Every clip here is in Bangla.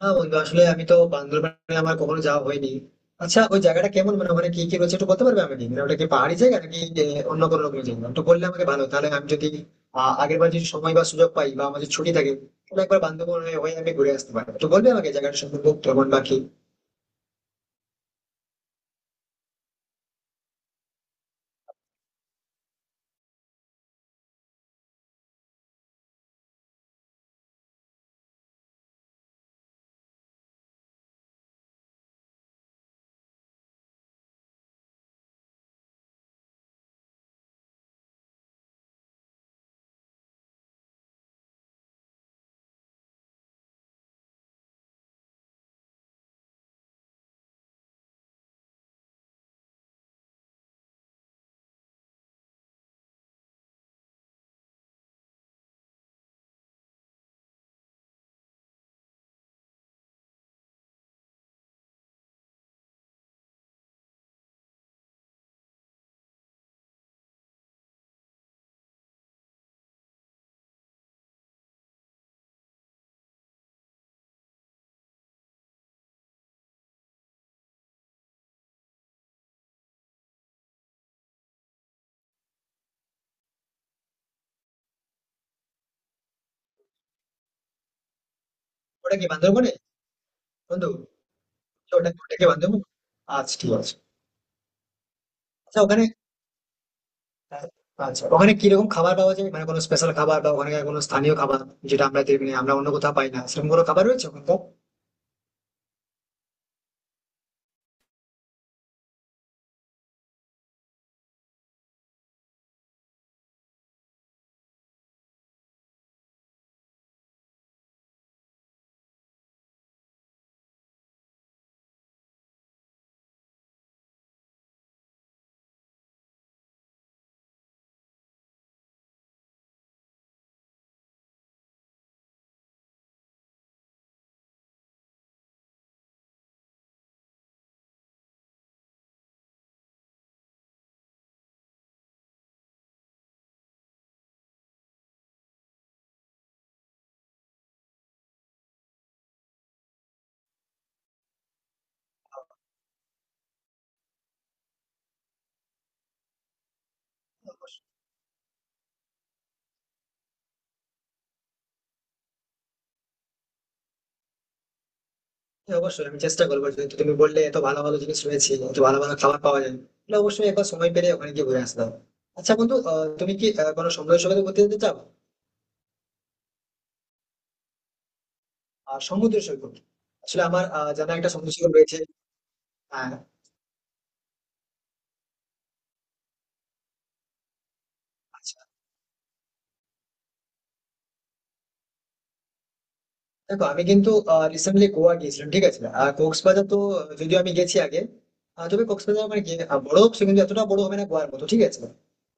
না বন্ধু, আসলে আমি তো বান্দরবানে আমার কখনো যাওয়া হয়নি। আচ্ছা, ওই জায়গাটা কেমন, মানে ওখানে কি কি রয়েছে একটু বলতে পারবে আমাকে? মানে ওটা কি পাহাড়ি জায়গা নাকি অন্য কোনো রকমের জায়গা, একটু বললে আমাকে ভালো, তাহলে আমি যদি আগের বার যদি সময় বা সুযোগ পাই বা আমাদের ছুটি থাকে, তাহলে একবার বান্দরবন হয়ে হয়ে আমি ঘুরে আসতে পারি। তো বলবে আমাকে জায়গাটা সম্পর্কে কেমন বা কি। ওটা কি বান্দরবনে? বন্ধু, ওটা ওটা কি বান্দরবন? আচ্ছা, ঠিক আছে। আচ্ছা ওখানে, আচ্ছা ওখানে কিরকম খাবার পাওয়া যায়, মানে কোনো স্পেশাল খাবার বা ওখানে কোনো স্থানীয় খাবার যেটা আমরা দেখি না, আমরা অন্য কোথাও পাই না, সেরকম কোনো খাবার রয়েছে ওখানকার? হ্যাঁ, অবশ্যই আমি চেষ্টা করবো, যেহেতু তুমি বললে এত ভালো ভালো জিনিস রয়েছে, এত ভালো ভালো খাবার পাওয়া যায়, তাহলে অবশ্যই একবার সময় পেলে ওখানে গিয়ে ঘুরে আসতাম। আচ্ছা বন্ধু, তুমি কি কোনো সমুদ্র সৈকতে ঘুরতে যেতে চাও? আর সমুদ্র সৈকত, আসলে আমার জানা একটা সমুদ্র সৈকত রয়েছে। হ্যাঁ। আচ্ছা। দেখো, আমি কিন্তু রিসেন্টলি গোয়া গিয়েছিলাম, ঠিক আছে। আর কক্সবাজার তো যদিও আমি গেছি আগে। তবে কক্সবাজার আমার গিয়ে বড় সে কিন্তু এতটা বড় হবে না গোয়ার মতো, ঠিক আছে।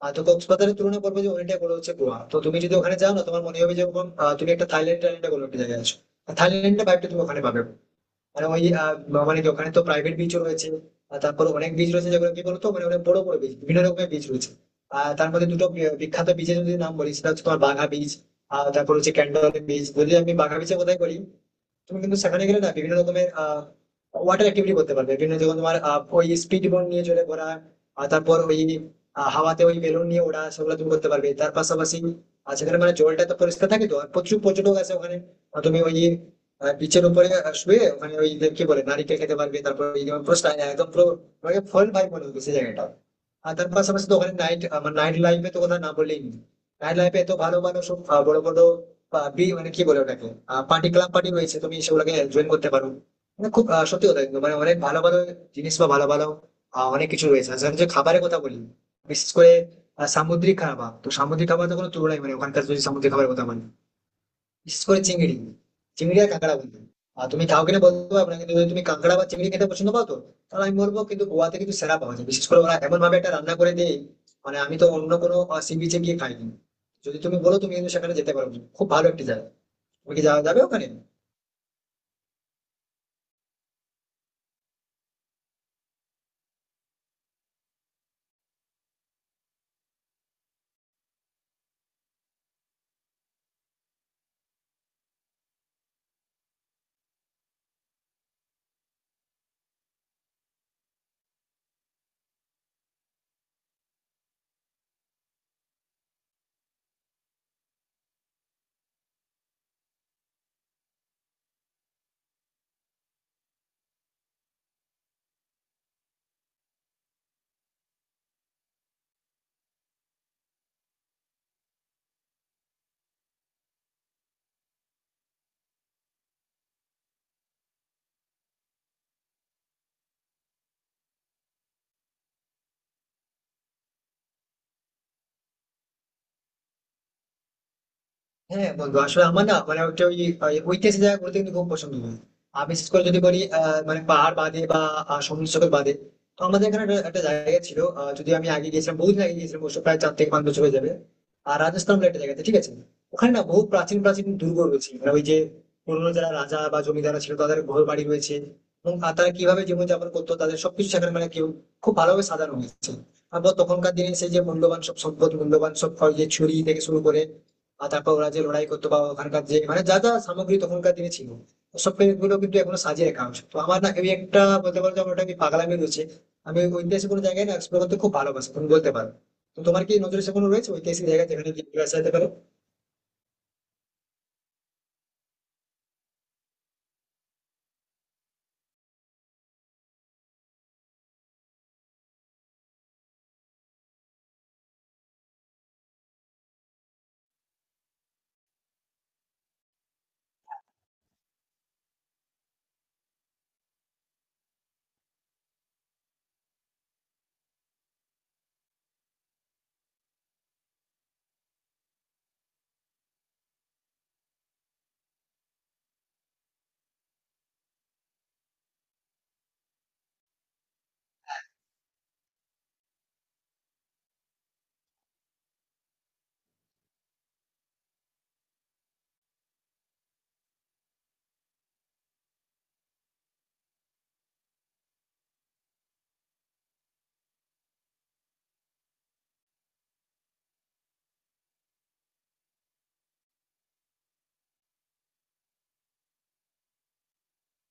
তো কক্সবাজারের তুলনা করবো যে অনেকটাই বড় হচ্ছে গোয়া। তো তুমি যদি ওখানে যাও না, তোমার মনে হবে যেরকম তুমি একটা থাইল্যান্ড টাইল্যান্ডে কোনো একটা জায়গায় আছো। থাইল্যান্ডের ভাইবটা তুমি ওখানে পাবে। মানে ওই মানে কি, ওখানে তো প্রাইভেট বিচও রয়েছে। আর তারপরে অনেক বিচ রয়েছে, যেগুলো কি বলতো, মানে অনেক বড় বড় বিচ, বিভিন্ন রকমের বিচ রয়েছে। আর তার মধ্যে দুটো বিখ্যাত বিচের যদি নাম বলি, সেটা হচ্ছে তোমার বাঘা বিচ, আর তারপর হচ্ছে ক্যান্ডল বিচ। যদি আমি বাঘা বিচের কথাই বলি, তুমি কিন্তু সেখানে গেলে না বিভিন্ন রকমের ওয়াটার অ্যাক্টিভিটি করতে পারবে। বিভিন্ন, যেমন তোমার ওই স্পিড বোট নিয়ে চলে ঘোরা, আর তারপর ওই হাওয়াতে ওই বেলুন নিয়ে ওড়া, সেগুলো তুমি করতে পারবে। তার পাশাপাশি সেখানে মানে জলটা তো পরিষ্কার থাকে তো, আর প্রচুর পর্যটক আছে ওখানে। আর তুমি ওই বিচের উপরে শুয়ে ওখানে ওই যে কি বলে, নারিকেল খেতে পারবে। তারপর ওই যেমন পুরো style, একদম পুরো ফল ভাই মনে হবে সেই জায়গাটা। আর তার পাশাপাশি তো ওখানে নাইট, আমার নাইট লাইফে তো কথা না বললেই নেই। নাইট লাইফে এত ভালো ভালো সব বড় বড় আহ, বি মানে কি বলে ওটাকে, পার্টি ক্লাব পার্টি রয়েছে, তুমি সেগুলোকে জয়েন করতে পারো। মানে খুব সত্যি কথা কিন্তু মানে অনেক ভালো ভালো জিনিস বা ভালো ভালো অনেক কিছু রয়েছে। আর যে খাবারের কথা বলি, বিশেষ করে সামুদ্রিক খাবার, তো সামুদ্রিক খাবার তো কোনো তুলনাই, মানে ওখানকার যদি সামুদ্রিক খাবারের কথা বলি, বিশেষ করে চিংড়ি, চিংড়ি আর কাঁকড়া বন্ধু। আর তুমি কাউকে না বলতে পারবে না, কিন্তু যদি তুমি কাঁকড়া বা চিংড়ি খেতে পছন্দ পাও, তো তাহলে আমি বলবো কিন্তু গোয়াতে কিন্তু সেরা পাওয়া যায়। বিশেষ করে ওরা এমন ভাবে একটা রান্না করে দেয়, মানে আমি তো অন্য কোনো সি বিচে গিয়ে খাইনি। যদি তুমি বলো, তুমি কিন্তু সেখানে যেতে পারো, খুব ভালো একটি জায়গা। তুমি কি যাওয়া যাবে ওখানে? হ্যাঁ হ্যাঁ, বন্ধু, আসলে আমার না মানে একটা ওই, ওই ঐতিহাসিক জায়গা ঘুরতে কিন্তু খুব পছন্দ হয়। আর বিশেষ করে যদি বলি মানে পাহাড় বাদে বা সমুদ্র সৈকত বাদে, তো আমাদের এখানে একটা একটা জায়গা ছিল, যদি আমি আগে গিয়েছিলাম, বহুদিন আগে গিয়েছিলাম, অবশ্য প্রায় চার থেকে পাঁচ বছর হয়ে যাবে। আর রাজস্থান বলে একটা জায়গাতে, ঠিক আছে। ওখানে না বহু প্রাচীন প্রাচীন দুর্গ রয়েছে, মানে ওই যে পুরোনো যারা রাজা বা জমিদারা ছিল তাদের ঘর বাড়ি রয়েছে। এবং তারা কিভাবে জীবনযাপন করতো, তাদের সবকিছু সেখানে, মানে কেউ খুব ভালোভাবে সাজানো হয়েছে। আবার তখনকার দিনে সেই যে মূল্যবান সব সম্পদ, মূল্যবান সব ওই যে ছুরি থেকে শুরু করে, আর তারপর ওরা যে লড়াই করতো বা ওখানকার যে মানে যা যা সামগ্রী তখনকার দিনে ছিল, ওসব গুলো কিন্তু এখনো সাজিয়ে রাখা হয়েছে। তো আমার না ওই একটা বলতে পারো যে আমার ওটা কি পাগলামি রয়েছে, আমি ওই ঐতিহাসিক কোনো জায়গায় না এক্সপ্লোর করতে খুব ভালোবাসি, তুমি বলতে পারো। তো তোমার কি নজরে সে কোনো রয়েছে ঐতিহাসিক জায়গা, যেখানে গিয়ে ঘুরে আসা যেতে পারে?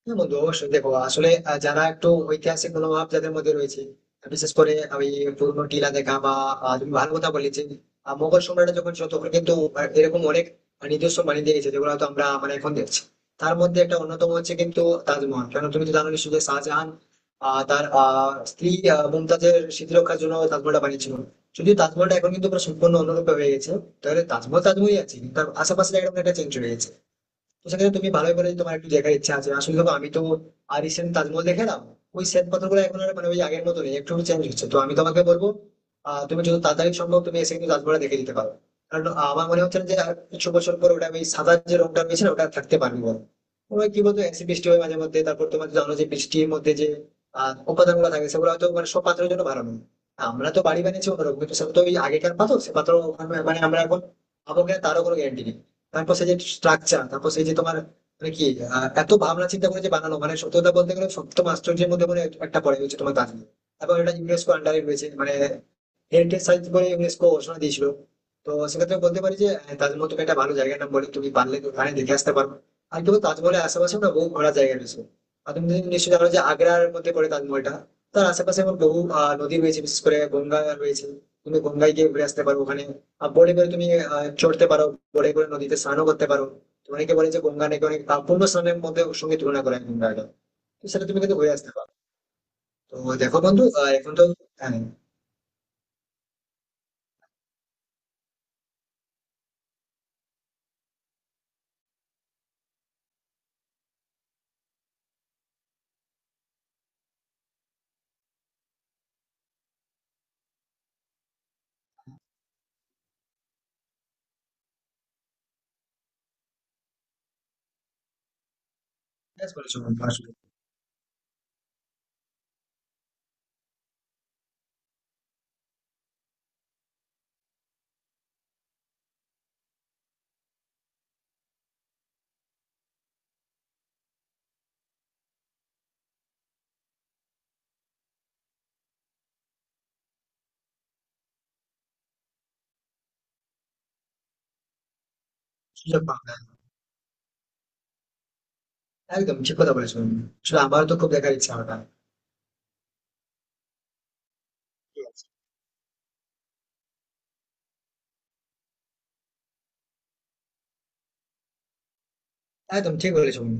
হ্যাঁ বন্ধু, অবশ্যই দেখো আসলে, যারা একটু ঐতিহাসিক মনোভাব যাদের মধ্যে রয়েছে, বিশেষ করে ওই পুরনো টিলা দেখা বা তুমি ভালো কথা বললে যে মোগল সম্রাট যখন ছিল তখন কিন্তু এরকম অনেক নিজস্ব বানিয়ে দিয়ে গেছে, যেগুলো হয়তো আমরা মানে এখন দেখছি। তার মধ্যে একটা অন্যতম হচ্ছে কিন্তু তাজমহল। কেন, তুমি তো জানো নিশ্চয়ই যে শাহজাহান তার স্ত্রী মুমতাজের স্মৃতিরক্ষার জন্য তাজমহলটা বানিয়েছিল। যদিও তাজমহলটা এখন কিন্তু পুরো সম্পূর্ণ অন্যরূপে হয়ে গেছে। তাহলে তাজমহল তাজমহলই আছে, কিন্তু তার আশেপাশে একদম একটা চেঞ্জ হয়ে গেছে। তো সেক্ষেত্রে তুমি ভালোই বলে যে তোমার একটু দেখার ইচ্ছা আছে। আসলে দেখো, আমি তো আর রিসেন্ট তাজমহল দেখলাম, ওই শ্বেত পাথরগুলো এখন আর মানে ওই আগের মতো নেই, একটু চেঞ্জ হচ্ছে। তো আমি তোমাকে বলবো তুমি যত তাড়াতাড়ি সম্ভব তুমি এসে কিন্তু তাজমহলটা দেখে দিতে পারো। কারণ আমার মনে হচ্ছে না যে আর কিছু বছর পর ওটা, ওই সাদা যে রংটা রয়েছে না, ওটা আর থাকতে পারবে বলো। ওই কি বলতো, অ্যাসিড বৃষ্টি হয় মাঝে মধ্যে, তারপর তোমার তো জানো যে বৃষ্টির মধ্যে যে উপাদান গুলো থাকে, সেগুলো হয়তো মানে সব পাত্রের জন্য ভালো নয়। আমরা তো বাড়ি বানিয়েছি অন্যরকম, কিন্তু সেটা তো ওই আগেকার পাথর, সে পাথর ওখানে- মানে আমরা এখন আমাকে তারও কোনো গ্যারান্টি নেই। তারপর সেই যে স্ট্রাকচার, তারপর সেই যে তোমার মানে কি এত ভাবনা চিন্তা করে যে বানানো, মানে সত্যি কথা বলতে গেলে সপ্তম আশ্চর্যের মধ্যে মনে হয় একটা পড়ে, হচ্ছে তোমার দার্জিলিং। তারপর এটা ইউনেস্কো আন্ডারে রয়েছে, মানে হেরিটেজ সাইট বলে ইউনেস্কো ঘোষণা দিয়েছিল। তো সেক্ষেত্রে আমি বলতে পারি যে তাজমহল তুমি একটা ভালো জায়গার নাম বলে, তুমি পারলে ওখানে দেখে আসতে পারো। আর কেবল তাজমহলের আশেপাশে না, বহু ঘোরার জায়গা রয়েছে। আর তুমি যদি নিশ্চয়ই জানো যে আগ্রার মধ্যে পড়ে তাজমহলটা। তার আশেপাশে এখন বহু নদী রয়েছে, বিশেষ করে গঙ্গা রয়েছে। তুমি গঙ্গায় গিয়ে ঘুরে আসতে পারো ওখানে। আর বোটে করে তুমি চড়তে পারো, বোটে করে নদীতে স্নানও করতে পারো। তো অনেকে বলে যে গঙ্গা নাকি অনেক পূর্ণ স্নানের মধ্যে ওর সঙ্গে তুলনা করা হয় গঙ্গাটা। তো সেটা তুমি কিন্তু ঘুরে আসতে পারো। তো দেখো বন্ধু, এখন তো হ্যাঁ, ঠিক বলেছো বন্ধু, আসলে সুযোগ পাও না। একদম ঠিক কথা বলেছো তুমি। আসলে আমারও তো খুব দেখার ইচ্ছা ওটা। একদম ঠিক বলেছো তুমি।